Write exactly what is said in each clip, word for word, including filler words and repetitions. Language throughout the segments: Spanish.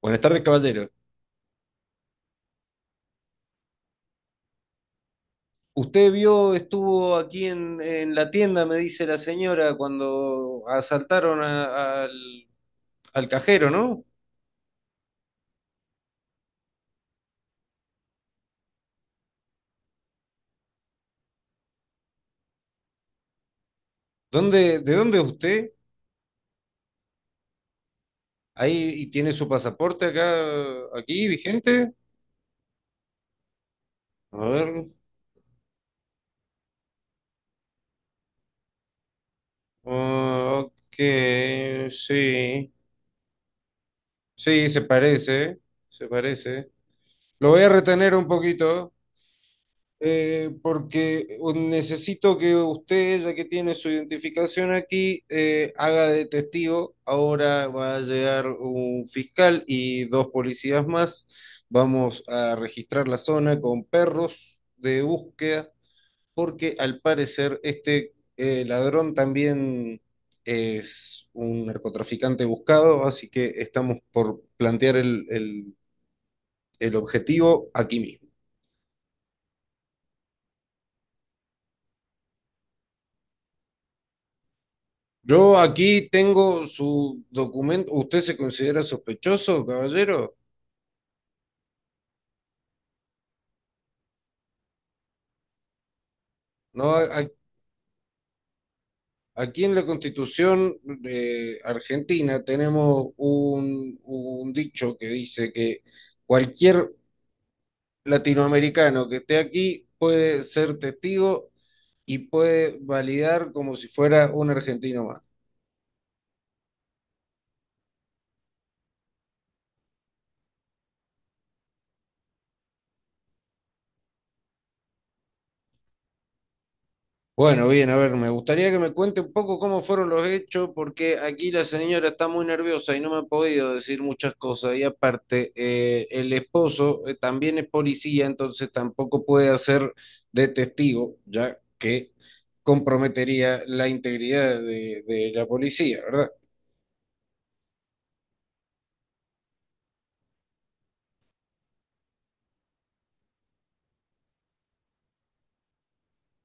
Buenas tardes, caballero. Usted vio, estuvo aquí en, en la tienda, me dice la señora, cuando asaltaron a- al, al cajero, ¿no? ¿Dónde, de dónde es usted? Ahí y tiene su pasaporte acá, aquí, vigente. A ver. Ah, ok, sí. Sí, se parece, se parece. Lo voy a retener un poquito. Eh, porque necesito que usted, ya que tiene su identificación aquí, eh, haga de testigo. Ahora va a llegar un fiscal y dos policías más. Vamos a registrar la zona con perros de búsqueda, porque al parecer este eh, ladrón también es un narcotraficante buscado, así que estamos por plantear el, el el objetivo aquí mismo. Yo aquí tengo su documento. ¿Usted se considera sospechoso, caballero? No, a- a- aquí en la Constitución de Argentina tenemos un, un dicho que dice que cualquier latinoamericano que esté aquí puede ser testigo y puede validar como si fuera un argentino más. Bueno, bien, a ver, me gustaría que me cuente un poco cómo fueron los hechos, porque aquí la señora está muy nerviosa y no me ha podido decir muchas cosas. Y aparte, eh, el esposo eh, también es policía, entonces tampoco puede hacer de testigo, ya que comprometería la integridad de, de la policía, ¿verdad?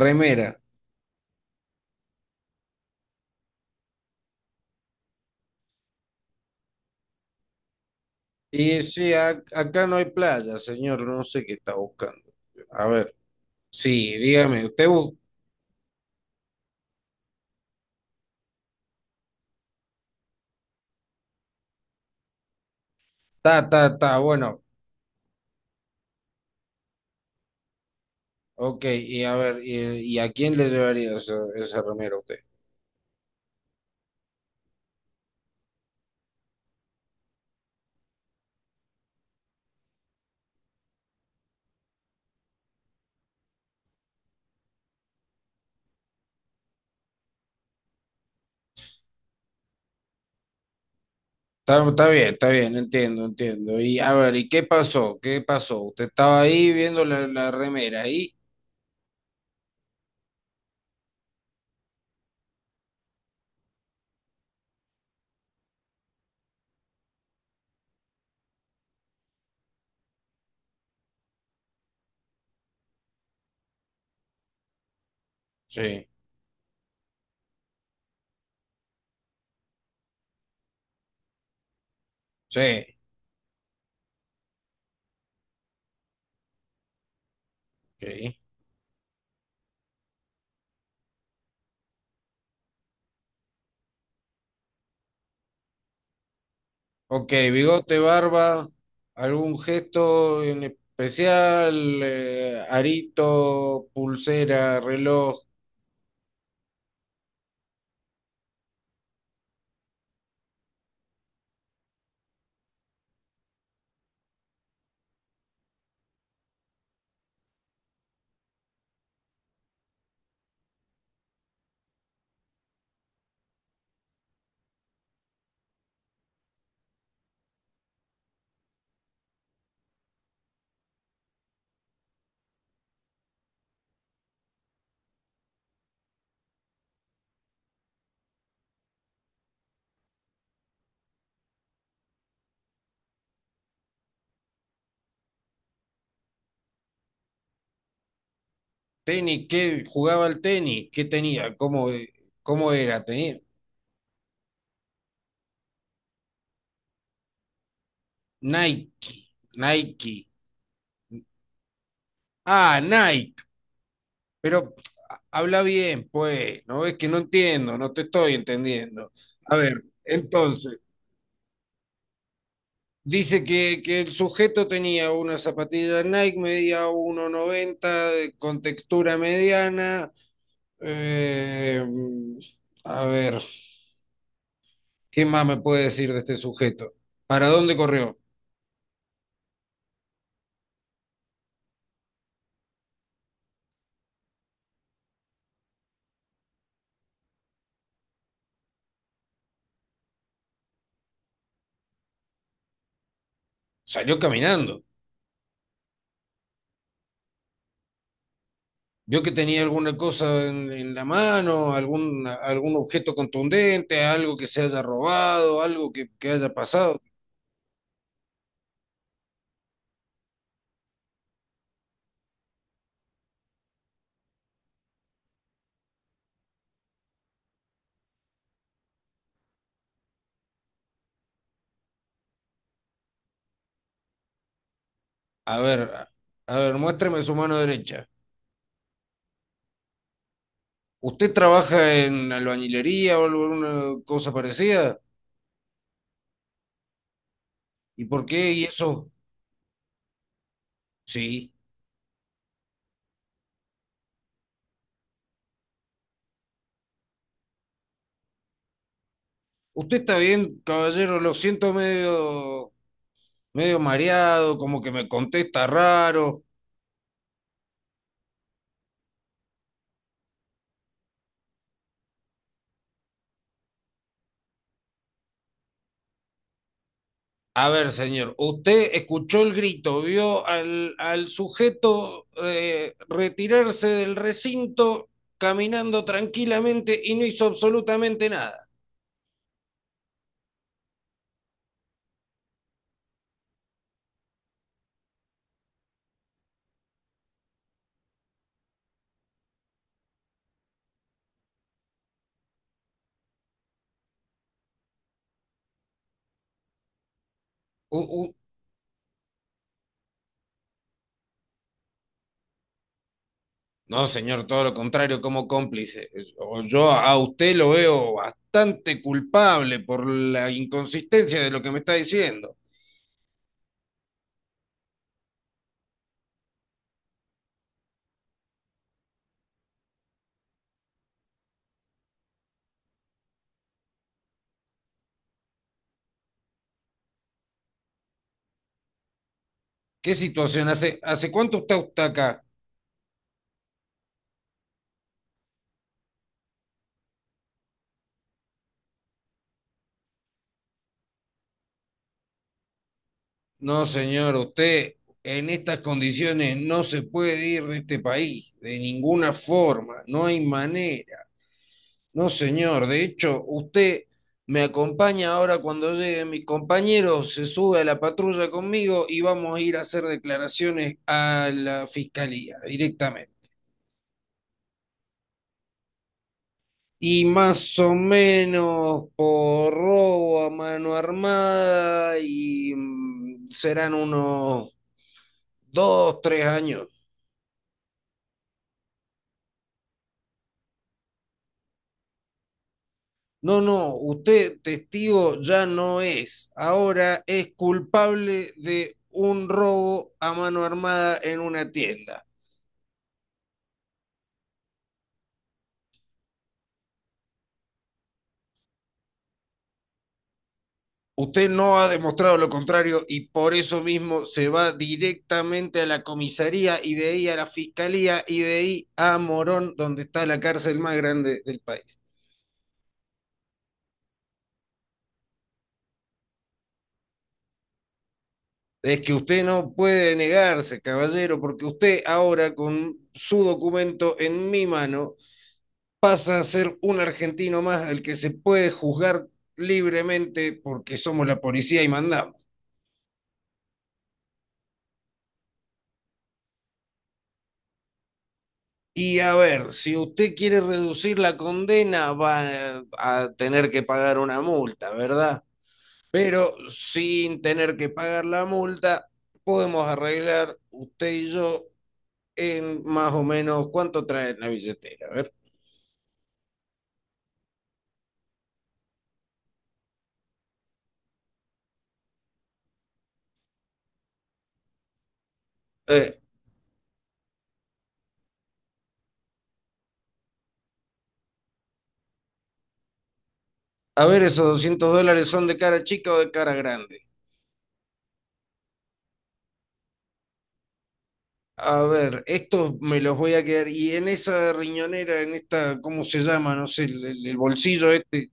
Remera. Y sí, a- acá no hay playa, señor, no sé qué está buscando. A ver, sí, dígame, usted busca... Ta, ta, ta, bueno. Ok, y a ver, ¿y, y a quién le llevaría esa esa remera a usted? Está, está bien, está bien, entiendo, entiendo. Y a ver, ¿y qué pasó? ¿Qué pasó? Usted estaba ahí viendo la, la remera ahí. Sí, sí, ok. Ok, bigote, barba, algún gesto en especial, eh, arito, pulsera, reloj, tenis, ¿qué jugaba el tenis? ¿Qué tenía? ¿Cómo, cómo era? Tenía Nike, Nike. Ah, Nike. Pero habla bien, pues, ¿no? Ves que no entiendo, no te estoy entendiendo. A ver, entonces, dice que, que el sujeto tenía una zapatilla Nike, medía uno coma noventa, de- con textura mediana. Eh, a ver, ¿qué más me puede decir de este sujeto? ¿Para dónde corrió? Salió caminando. Vio que tenía alguna cosa en, en la mano, algún, algún objeto contundente, algo que se haya robado, algo que que haya pasado. A ver, a ver, muéstreme su mano derecha. ¿Usted trabaja en albañilería o alguna cosa parecida? ¿Y por qué? ¿Y eso? Sí. Usted está bien, caballero, lo siento medio, medio mareado, como que me contesta raro. A ver, señor, usted escuchó el grito, vio al, al sujeto eh, retirarse del recinto caminando tranquilamente y no hizo absolutamente nada. U- No, señor, todo lo contrario, como cómplice. O yo a usted lo veo bastante culpable por la inconsistencia de lo que me está diciendo. ¿Qué situación? ¿Hace, hace cuánto está usted acá? No, señor, usted en estas condiciones no se puede ir de este país, de ninguna forma, no hay manera. No, señor, de hecho, usted me acompaña ahora cuando llegue mi compañero, se sube a la patrulla conmigo y vamos a ir a hacer declaraciones a la fiscalía directamente. Y más o menos por robo a mano armada y mm, serán unos dos, tres años. No, no, usted testigo ya no es. Ahora es culpable de un robo a mano armada en una tienda. Usted no ha demostrado lo contrario y por eso mismo se va directamente a la comisaría y de ahí a la fiscalía y de ahí a Morón, donde está la cárcel más grande del país. Es que usted no puede negarse, caballero, porque usted ahora con su documento en mi mano pasa a ser un argentino más al que se puede juzgar libremente porque somos la policía y mandamos. Y a ver, si usted quiere reducir la condena, va a tener que pagar una multa, ¿verdad? Pero sin tener que pagar la multa, podemos arreglar usted y yo en más o menos cuánto trae la billetera. A ver, Eh, a ver, esos doscientos dólares son de cara chica o de cara grande. A ver, estos me los voy a quedar. Y en esa riñonera, en esta, ¿cómo se llama? No sé, el, el- el bolsillo este,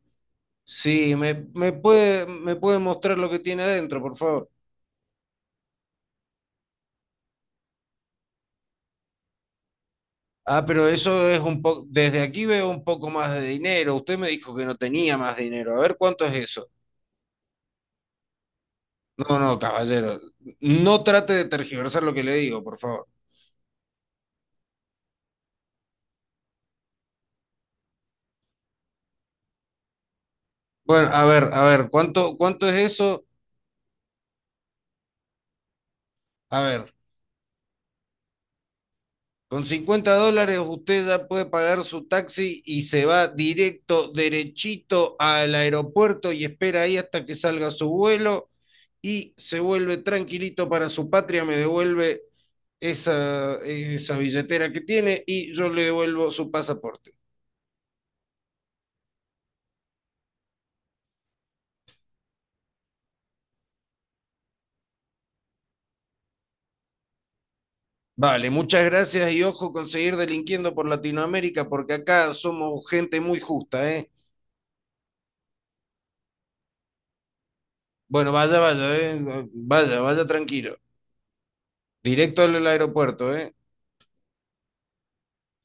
sí, me, me puede, me puede mostrar lo que tiene adentro, por favor. Ah, pero eso es un poco, desde aquí veo un poco más de dinero. Usted me dijo que no tenía más dinero. A ver, ¿cuánto es eso? No, no, caballero, no trate de tergiversar lo que le digo, por favor. Bueno, a ver, a ver, ¿cuánto, cuánto es eso? A ver, con cincuenta dólares usted ya puede pagar su taxi y se va directo, derechito al aeropuerto y espera ahí hasta que salga su vuelo. Y se vuelve tranquilito para su patria, me devuelve esa, esa billetera que tiene y yo le devuelvo su pasaporte. Vale, muchas gracias y ojo con seguir delinquiendo por Latinoamérica porque acá somos gente muy justa, ¿eh? Bueno, vaya, vaya, ¿eh? Vaya, vaya tranquilo. Directo al aeropuerto, ¿eh?